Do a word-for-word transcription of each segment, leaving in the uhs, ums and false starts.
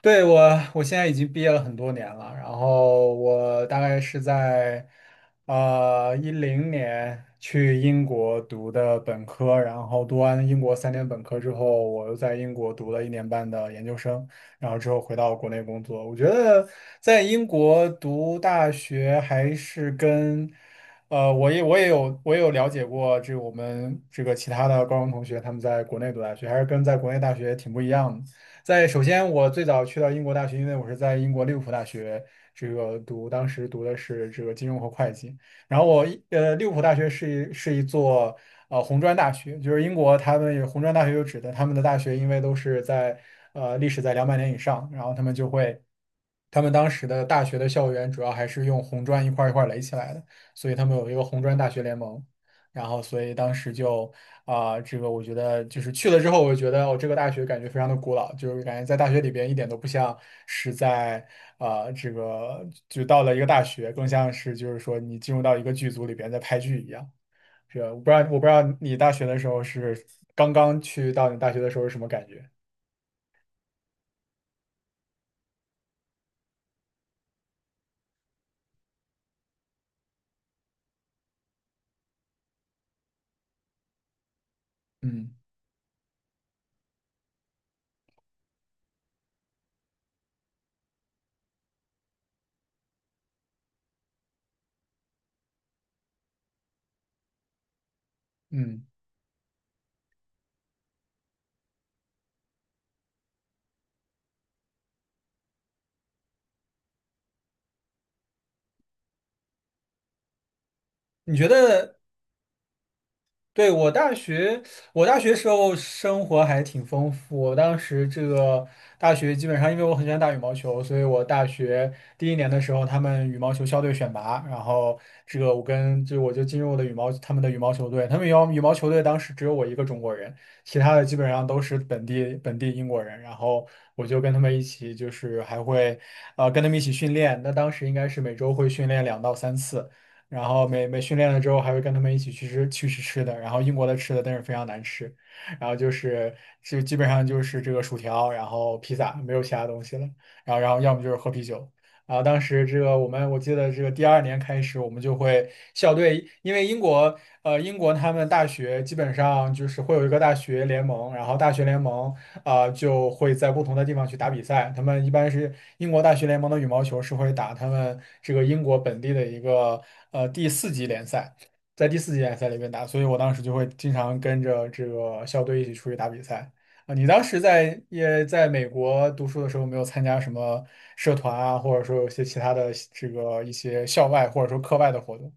对，我，我现在已经毕业了很多年了，然后我大概是在呃一零年去英国读的本科，然后读完英国三年本科之后，我又在英国读了一年半的研究生，然后之后回到国内工作。我觉得在英国读大学还是跟呃，我也我也有我也有了解过，这个我们这个其他的高中同学他们在国内读大学，还是跟在国内大学挺不一样的。在首先，我最早去到英国大学，因为我是在英国利物浦大学这个读，当时读的是这个金融和会计。然后我一呃，利物浦大学是一是一座呃红砖大学，就是英国他们有红砖大学就指的他们的大学，因为都是在呃历史在两百年以上，然后他们就会。他们当时的大学的校园主要还是用红砖一块儿一块儿垒起来的，所以他们有一个红砖大学联盟。然后所以当时就啊、这个我觉得就是去了之后，我觉得我这个大学感觉非常的古老，就是感觉在大学里边一点都不像是在啊、这个就到了一个大学，更像是就是说你进入到一个剧组里边在拍剧一样。是啊，我不知道我不知道你大学的时候是刚刚去到你大学的时候是什么感觉？嗯嗯，你觉得对，我大学，我大学时候生活还挺丰富。我当时这个大学基本上，因为我很喜欢打羽毛球，所以我大学第一年的时候，他们羽毛球校队选拔，然后这个我跟就我就进入了羽毛他们的羽毛球队。他们羽毛羽毛球队当时只有我一个中国人，其他的基本上都是本地本地英国人。然后我就跟他们一起，就是还会呃跟他们一起训练。那当时应该是每周会训练两到三次。然后每每训练了之后，还会跟他们一起去吃去吃吃的。然后英国的吃的但是非常难吃，然后就是就基本上就是这个薯条，然后披萨，没有其他东西了。然后然后要么就是喝啤酒。然后当时这个我们我记得这个第二年开始，我们就会校队，因为英国呃英国他们大学基本上就是会有一个大学联盟，然后大学联盟。啊、就会在不同的地方去打比赛。他们一般是英国大学联盟的羽毛球是会打他们这个英国本地的一个呃第四级联赛，在第四级联赛里面打，所以我当时就会经常跟着这个校队一起出去打比赛。啊，你当时在也在美国读书的时候，有没有参加什么社团啊，或者说有些其他的这个一些校外或者说课外的活动？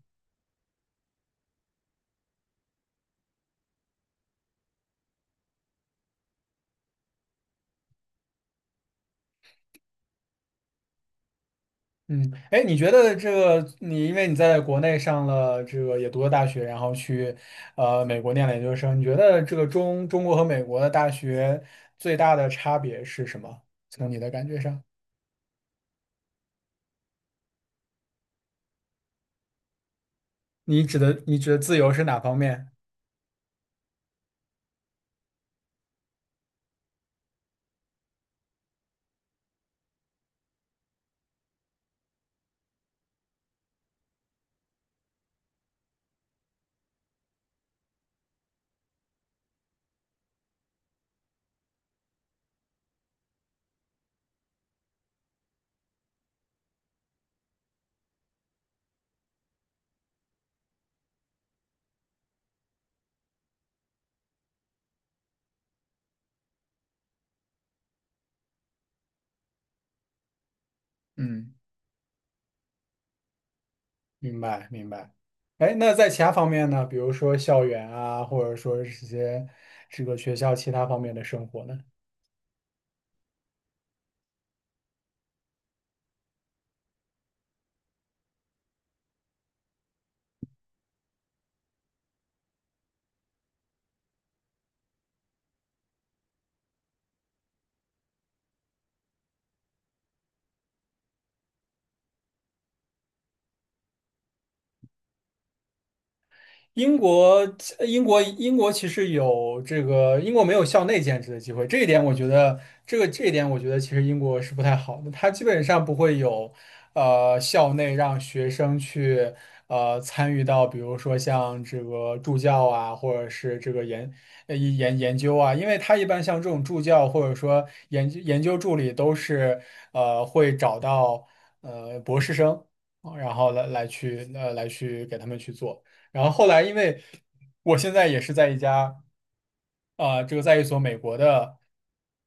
嗯，哎，你觉得这个你因为你在国内上了这个也读了大学，然后去呃美国念了研究生，你觉得这个中中国和美国的大学最大的差别是什么？从你的感觉上，你指的你指的自由是哪方面？嗯，明白明白。哎，那在其他方面呢？比如说校园啊，或者说是这些这个学校其他方面的生活呢？英国，呃英国，英国其实有这个，英国没有校内兼职的机会，这一点我觉得，这个这一点我觉得其实英国是不太好的，它基本上不会有，呃，校内让学生去，呃，参与到比如说像这个助教啊，或者是这个研呃研研究啊，因为它一般像这种助教或者说研究研究助理都是，呃，会找到呃博士生，然后来来去呃来去给他们去做。然后后来，因为我现在也是在一家啊，这个在一所美国的，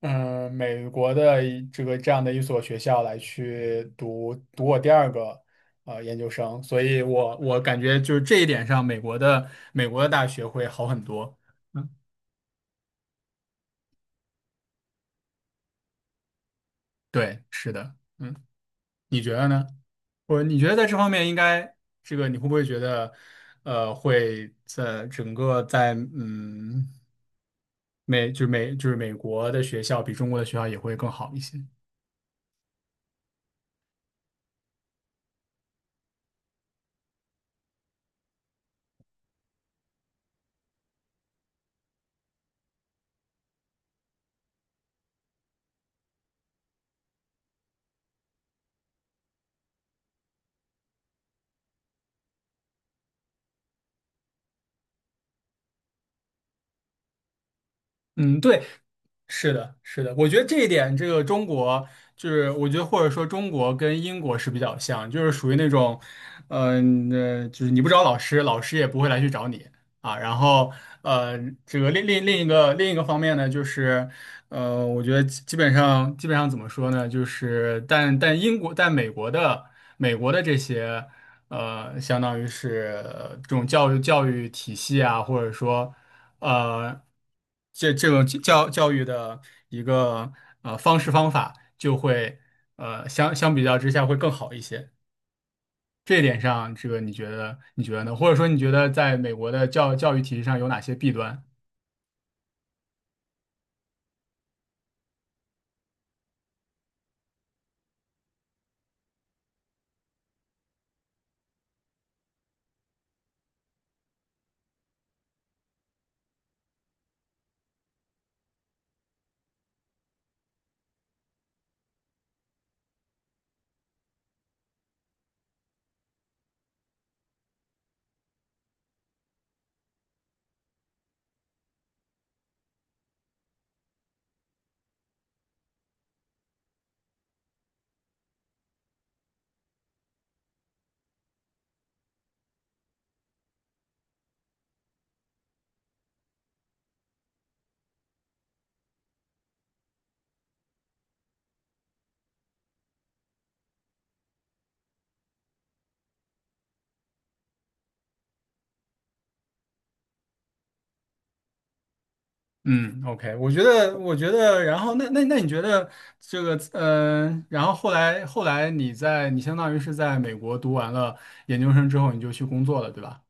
嗯，美国的一这个这样的一所学校来去读读我第二个呃研究生，所以我我感觉就是这一点上，美国的美国的大学会好很多。嗯，对，是的，嗯，你觉得呢？我你觉得在这方面应该这个你会不会觉得呃会在整个在嗯？美就是美就是美国的学校比中国的学校也会更好一些。嗯、对，是的，是的，我觉得这一点，这个中国就是，我觉得或者说中国跟英国是比较像，就是属于那种，嗯、呃，就是你不找老师，老师也不会来去找你啊。然后，呃，这个另另另一个另一个方面呢，就是，呃，我觉得基基本上基本上怎么说呢，就是但但英国但美国的美国的这些。呃，相当于是呃这种教育教育体系啊，或者说呃，这这种教教育的一个呃方式方法，就会呃相相比较之下会更好一些。这一点上，这个你觉得你觉得呢？或者说你觉得在美国的教教育体系上有哪些弊端？嗯，OK,我觉得，我觉得，然后那那那你觉得这个，嗯、然后后来后来你在你相当于是在美国读完了研究生之后，你就去工作了，对吧？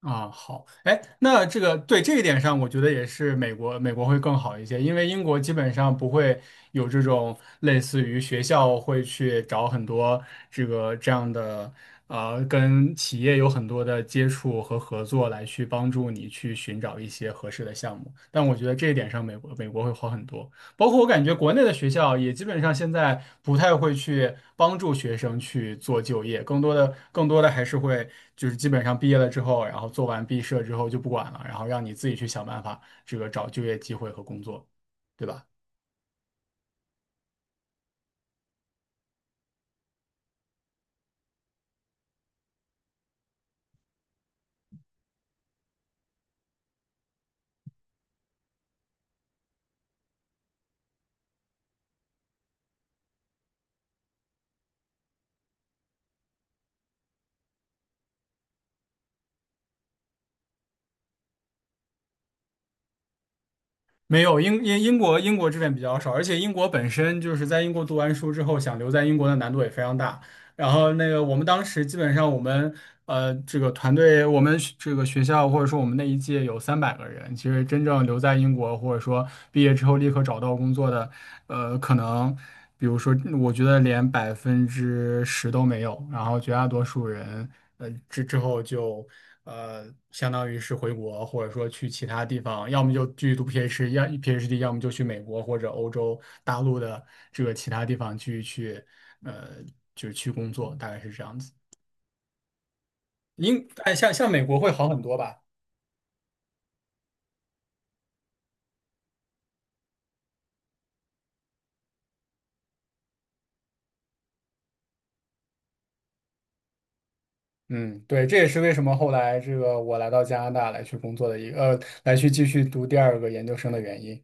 啊，好，哎，那这个对这一点上，我觉得也是美国美国会更好一些，因为英国基本上不会有这种类似于学校会去找很多这个这样的，呃，跟企业有很多的接触和合作来去帮助你去寻找一些合适的项目，但我觉得这一点上美国美国会好很多。包括我感觉国内的学校也基本上现在不太会去帮助学生去做就业，更多的更多的还是会就是基本上毕业了之后，然后做完毕设之后就不管了，然后让你自己去想办法这个找就业机会和工作，对吧？没有，英英英国英国这边比较少，而且英国本身就是在英国读完书之后想留在英国的难度也非常大。然后那个我们当时基本上我们呃这个团队，我们学这个学校或者说我们那一届有三百个人，其实真正留在英国或者说毕业之后立刻找到工作的，呃，可能比如说我觉得连百分之十都没有，然后绝大多数人呃之之后就。呃，相当于是回国，或者说去其他地方，要么就继续读 PhD,要 PhD，要么就去美国或者欧洲大陆的这个其他地方去去。呃，就是去工作，大概是这样子。英，哎，像像美国会好很多吧？嗯，对，这也是为什么后来这个我来到加拿大来去工作的一个，呃，来去继续读第二个研究生的原因。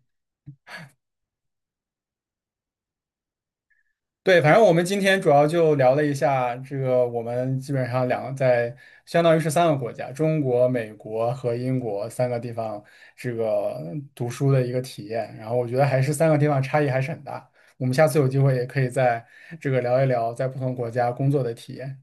对，反正我们今天主要就聊了一下这个，我们基本上两个在相当于是三个国家，中国、美国和英国三个地方这个读书的一个体验。然后我觉得还是三个地方差异还是很大。我们下次有机会也可以在这个聊一聊在不同国家工作的体验。